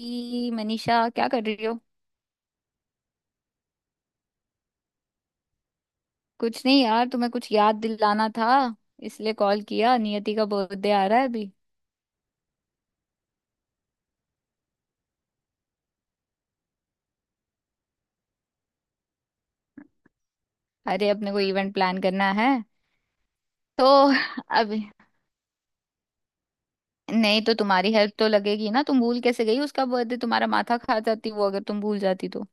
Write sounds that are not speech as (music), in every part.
ई, मनीषा क्या कर रही हो। कुछ नहीं यार, तुम्हें कुछ याद दिलाना था, इसलिए कॉल किया। नियति का बर्थडे आ रहा है अभी। अरे, अपने को इवेंट प्लान करना है तो (laughs) अभी। नहीं तो तुम्हारी हेल्प तो लगेगी ना। तुम भूल कैसे गई उसका बर्थडे, तुम्हारा माथा खा जाती वो अगर तुम भूल जाती तो।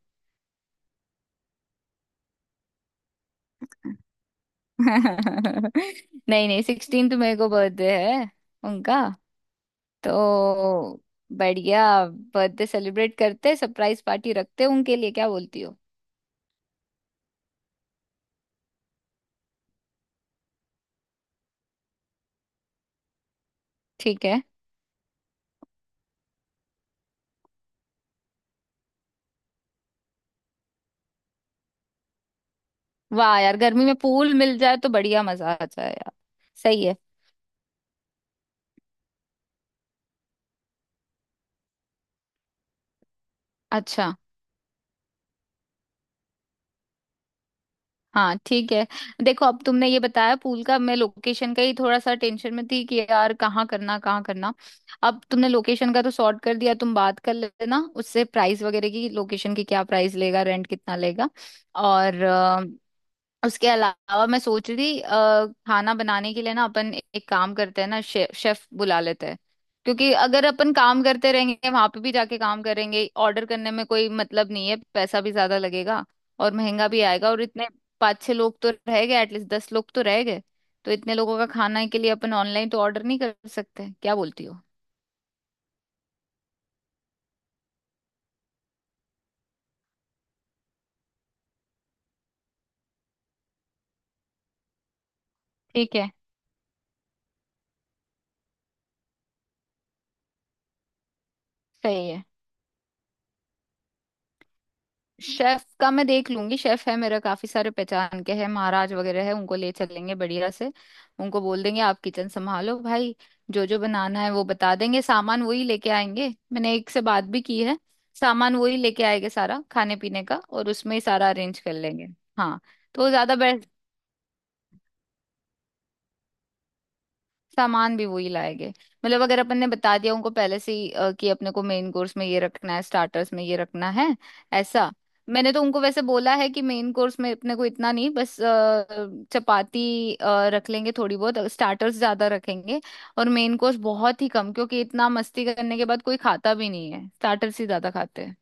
(laughs) नहीं नहीं 16 तो मेरे को बर्थडे है उनका। तो बढ़िया, बर्थडे सेलिब्रेट करते, सरप्राइज पार्टी रखते उनके लिए। क्या बोलती हो। ठीक है। वाह यार, गर्मी में पूल मिल जाए तो बढ़िया, मजा आ जाए यार। सही है। अच्छा। हाँ, ठीक है। देखो, अब तुमने ये बताया पूल का, मैं लोकेशन का ही थोड़ा सा टेंशन में थी कि यार कहाँ करना, कहाँ करना। अब तुमने लोकेशन का तो सॉर्ट कर दिया, तुम बात कर लेना उससे प्राइस वगैरह की, लोकेशन की क्या प्राइस लेगा, रेंट कितना लेगा। और उसके अलावा मैं सोच रही थी खाना बनाने के लिए ना अपन एक काम करते हैं ना, शेफ शेफ बुला लेते हैं। क्योंकि अगर अपन काम करते रहेंगे, वहां पे भी जाके काम करेंगे, ऑर्डर करने में कोई मतलब नहीं है, पैसा भी ज्यादा लगेगा और महंगा भी आएगा। और इतने 5 6 लोग तो रह गए, एटलीस्ट 10 लोग तो रह गए। तो इतने लोगों का खाना के लिए अपन ऑनलाइन तो ऑर्डर नहीं कर सकते, क्या बोलती हो। ठीक है। सही है। शेफ का मैं देख लूंगी, शेफ है मेरा, काफी सारे पहचान के हैं, महाराज वगैरह है उनको ले चलेंगे बढ़िया से। उनको बोल देंगे आप किचन संभालो भाई, जो जो बनाना है वो बता देंगे, सामान वही लेके आएंगे, मैंने एक से बात भी की है। सामान वही लेके आएंगे सारा खाने पीने का, और उसमें ही सारा अरेंज कर लेंगे। हाँ। तो ज्यादा सामान भी वही लाएंगे। मतलब अगर अपन ने बता दिया उनको पहले से ही कि अपने को मेन कोर्स में ये रखना है, स्टार्टर्स में ये रखना है, ऐसा। मैंने तो उनको वैसे बोला है कि मेन कोर्स में अपने को इतना नहीं, बस चपाती रख लेंगे थोड़ी बहुत, स्टार्टर्स ज्यादा रखेंगे और मेन कोर्स बहुत ही कम। क्योंकि इतना मस्ती करने के बाद कोई खाता भी नहीं है, स्टार्टर्स ही ज्यादा खाते हैं।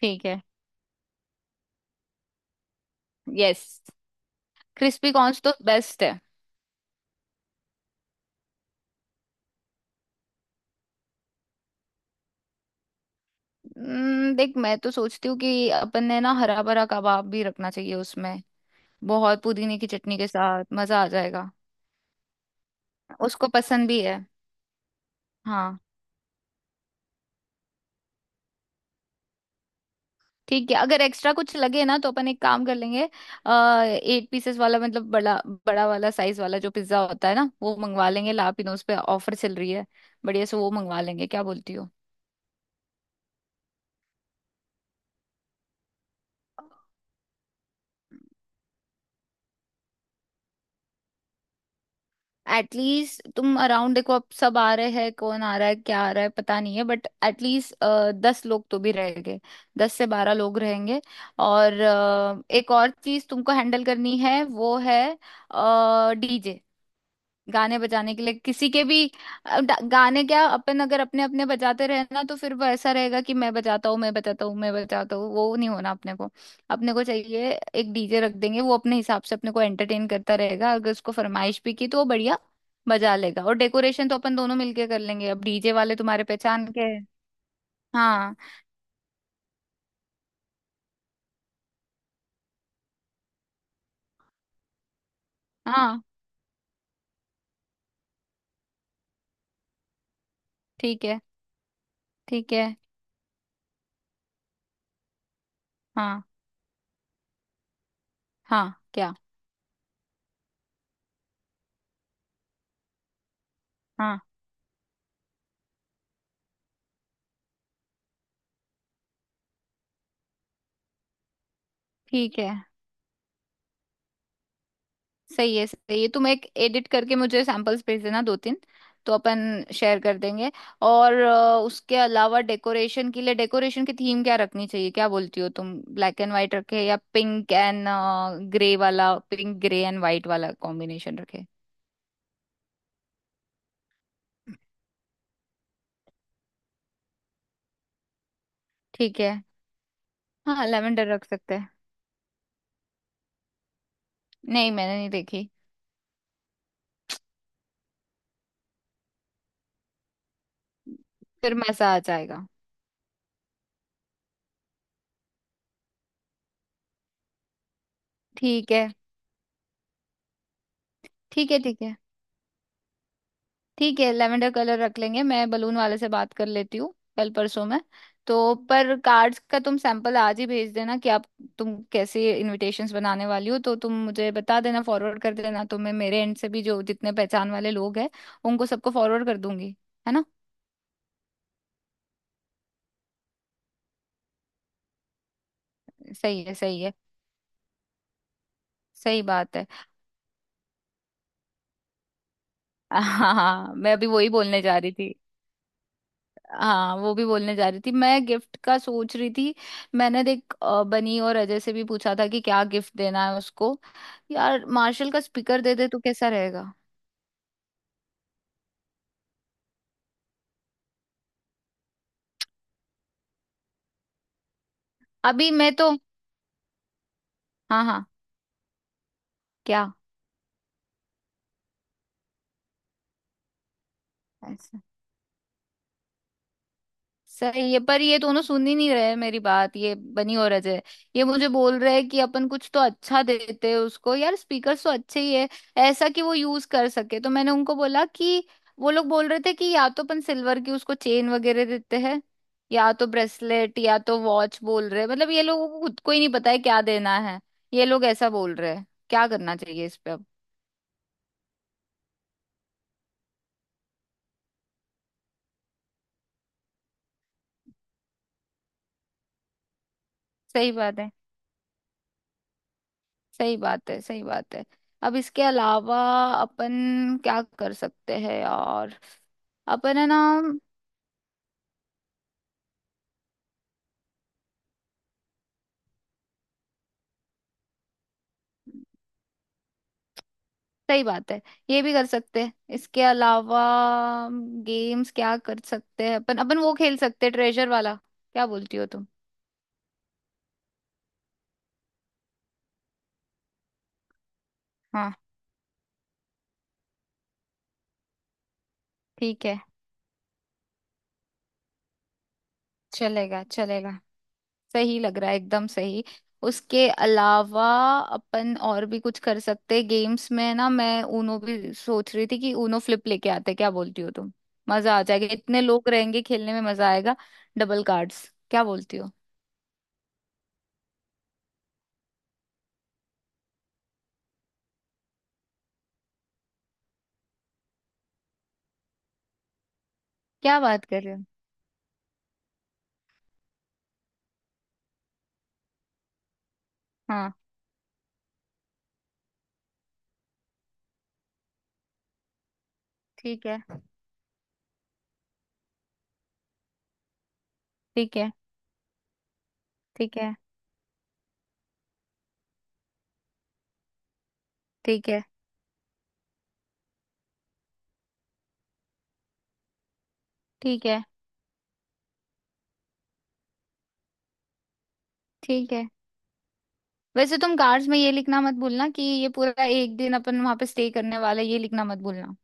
ठीक है। यस। क्रिस्पी कॉर्न्स तो बेस्ट है। देख, मैं तो सोचती हूँ कि अपन ने ना हरा भरा कबाब भी रखना चाहिए उसमें। बहुत पुदीने की चटनी के साथ मजा आ जाएगा। उसको पसंद भी है। हाँ, ठीक है। अगर एक्स्ट्रा कुछ लगे ना तो अपन एक काम कर लेंगे, 8 पीसेस वाला, मतलब बड़ा बड़ा वाला, साइज वाला जो पिज्जा होता है ना, वो मंगवा लेंगे, लापिनोज पे ऑफर चल रही है। बढ़िया से वो मंगवा लेंगे, क्या बोलती हो। एटलीस्ट तुम अराउंड देखो, अब सब आ रहे हैं, कौन आ रहा है क्या आ रहा है पता नहीं है, बट एटलीस्ट 10 लोग तो भी रहेंगे, 10 से 12 लोग रहेंगे। और एक और चीज तुमको हैंडल करनी है, वो है डीजे, गाने बजाने के लिए किसी के भी। गाने क्या अपन अगर अपने अपने बजाते रहे ना तो फिर वो ऐसा रहेगा कि मैं बजाता हूँ, मैं बजाता हूँ, मैं बजाता हूँ, वो नहीं होना अपने को। अपने को चाहिए एक डीजे रख देंगे, वो अपने हिसाब से अपने को एंटरटेन करता रहेगा, अगर उसको फरमाइश भी की तो वो बढ़िया बजा लेगा। और डेकोरेशन तो अपन दोनों मिलके कर लेंगे। अब डीजे वाले तुम्हारे पहचान के हैं। हाँ, हाँ। ठीक है। ठीक है। हाँ। हाँ, क्या। हाँ, ठीक है। सही है, सही है। तुम एक एडिट करके मुझे सैंपल्स भेज देना 2 3, तो अपन शेयर कर देंगे। और उसके अलावा डेकोरेशन के लिए, डेकोरेशन की थीम क्या रखनी चाहिए, क्या बोलती हो तुम। ब्लैक एंड व्हाइट रखे या पिंक एंड ग्रे वाला, पिंक ग्रे एंड व्हाइट वाला कॉम्बिनेशन रखे। ठीक है। हाँ, लेवेंडर रख सकते हैं। नहीं, मैंने नहीं देखी। फिर मजा आ जाएगा। ठीक है ठीक है, ठीक है। ठीक है, लेवेंडर कलर रख लेंगे। मैं बलून वाले से बात कर लेती हूँ कल परसों में। तो पर कार्ड्स का तुम सैंपल आज ही भेज देना कि आप, तुम कैसे इनविटेशंस बनाने वाली हो, तो तुम मुझे बता देना, फॉरवर्ड कर देना, तो मैं मेरे एंड से भी जो जितने पहचान वाले लोग हैं उनको सबको फॉरवर्ड कर दूंगी, है ना। सही है, सही है। सही बात है। (laughs) हाँ हाँ, मैं अभी वही बोलने जा रही थी। हाँ, वो भी बोलने जा रही थी, मैं गिफ्ट का सोच रही थी। मैंने देख, बनी और अजय से भी पूछा था कि क्या गिफ्ट देना है उसको। यार मार्शल का स्पीकर दे दे तो कैसा रहेगा। अभी मैं तो, हाँ हाँ, क्या। सही है, पर ये दोनों सुन ही नहीं रहे मेरी बात, ये बनी और अजय, ये मुझे बोल रहे हैं कि अपन कुछ तो अच्छा देते हैं उसको यार, स्पीकर तो अच्छे ही है ऐसा कि वो यूज कर सके। तो मैंने उनको बोला कि, वो लोग बोल रहे थे कि या तो अपन सिल्वर की उसको चेन वगैरह देते हैं, या तो ब्रेसलेट या तो वॉच बोल रहे हैं। मतलब ये लोगों को खुद को ही नहीं पता है क्या देना है, ये लोग ऐसा बोल रहे हैं। क्या करना चाहिए इस पे अब। सही बात है, सही बात है, सही बात है। अब इसके अलावा अपन क्या कर सकते हैं यार। अपन है ना। सही बात है, ये भी कर सकते हैं। इसके अलावा गेम्स क्या कर सकते हैं अपन, अपन वो खेल सकते हैं ट्रेजर वाला, क्या बोलती हो तुम। हाँ, ठीक है। चलेगा, चलेगा। सही लग रहा है, एकदम सही। उसके अलावा अपन और भी कुछ कर सकते हैं गेम्स में ना, मैं ऊनो भी सोच रही थी कि ऊनो फ्लिप लेके आते हैं। क्या बोलती हो तुम। मजा आ जाएगा, इतने लोग रहेंगे खेलने में मजा आएगा। डबल कार्ड्स, क्या बोलती हो। क्या बात कर रहे हो। हाँ। ठीक है। ठीक है, ठीक है। ठीक है, ठीक है। ठीक है। वैसे तुम कार्ड्स में ये लिखना मत भूलना कि ये पूरा एक दिन अपन वहां पे स्टे करने वाला है, ये लिखना मत भूलना।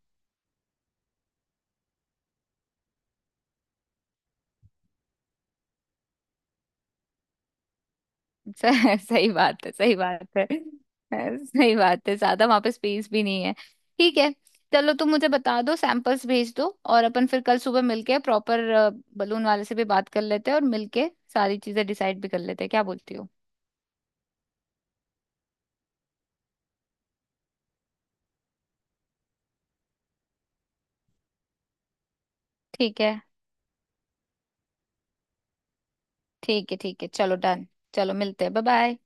(laughs) सही बात है, सही बात है। सही बात है, ज्यादा वहां पे स्पेस भी नहीं है। ठीक है। चलो तुम मुझे बता दो, सैंपल्स भेज दो, और अपन फिर कल सुबह मिलके प्रॉपर बलून वाले से भी बात कर लेते हैं और मिलके सारी चीजें डिसाइड भी कर लेते हैं, क्या बोलती हो। ठीक है, ठीक है। ठीक है, चलो डन। चलो मिलते हैं, बाय बाय।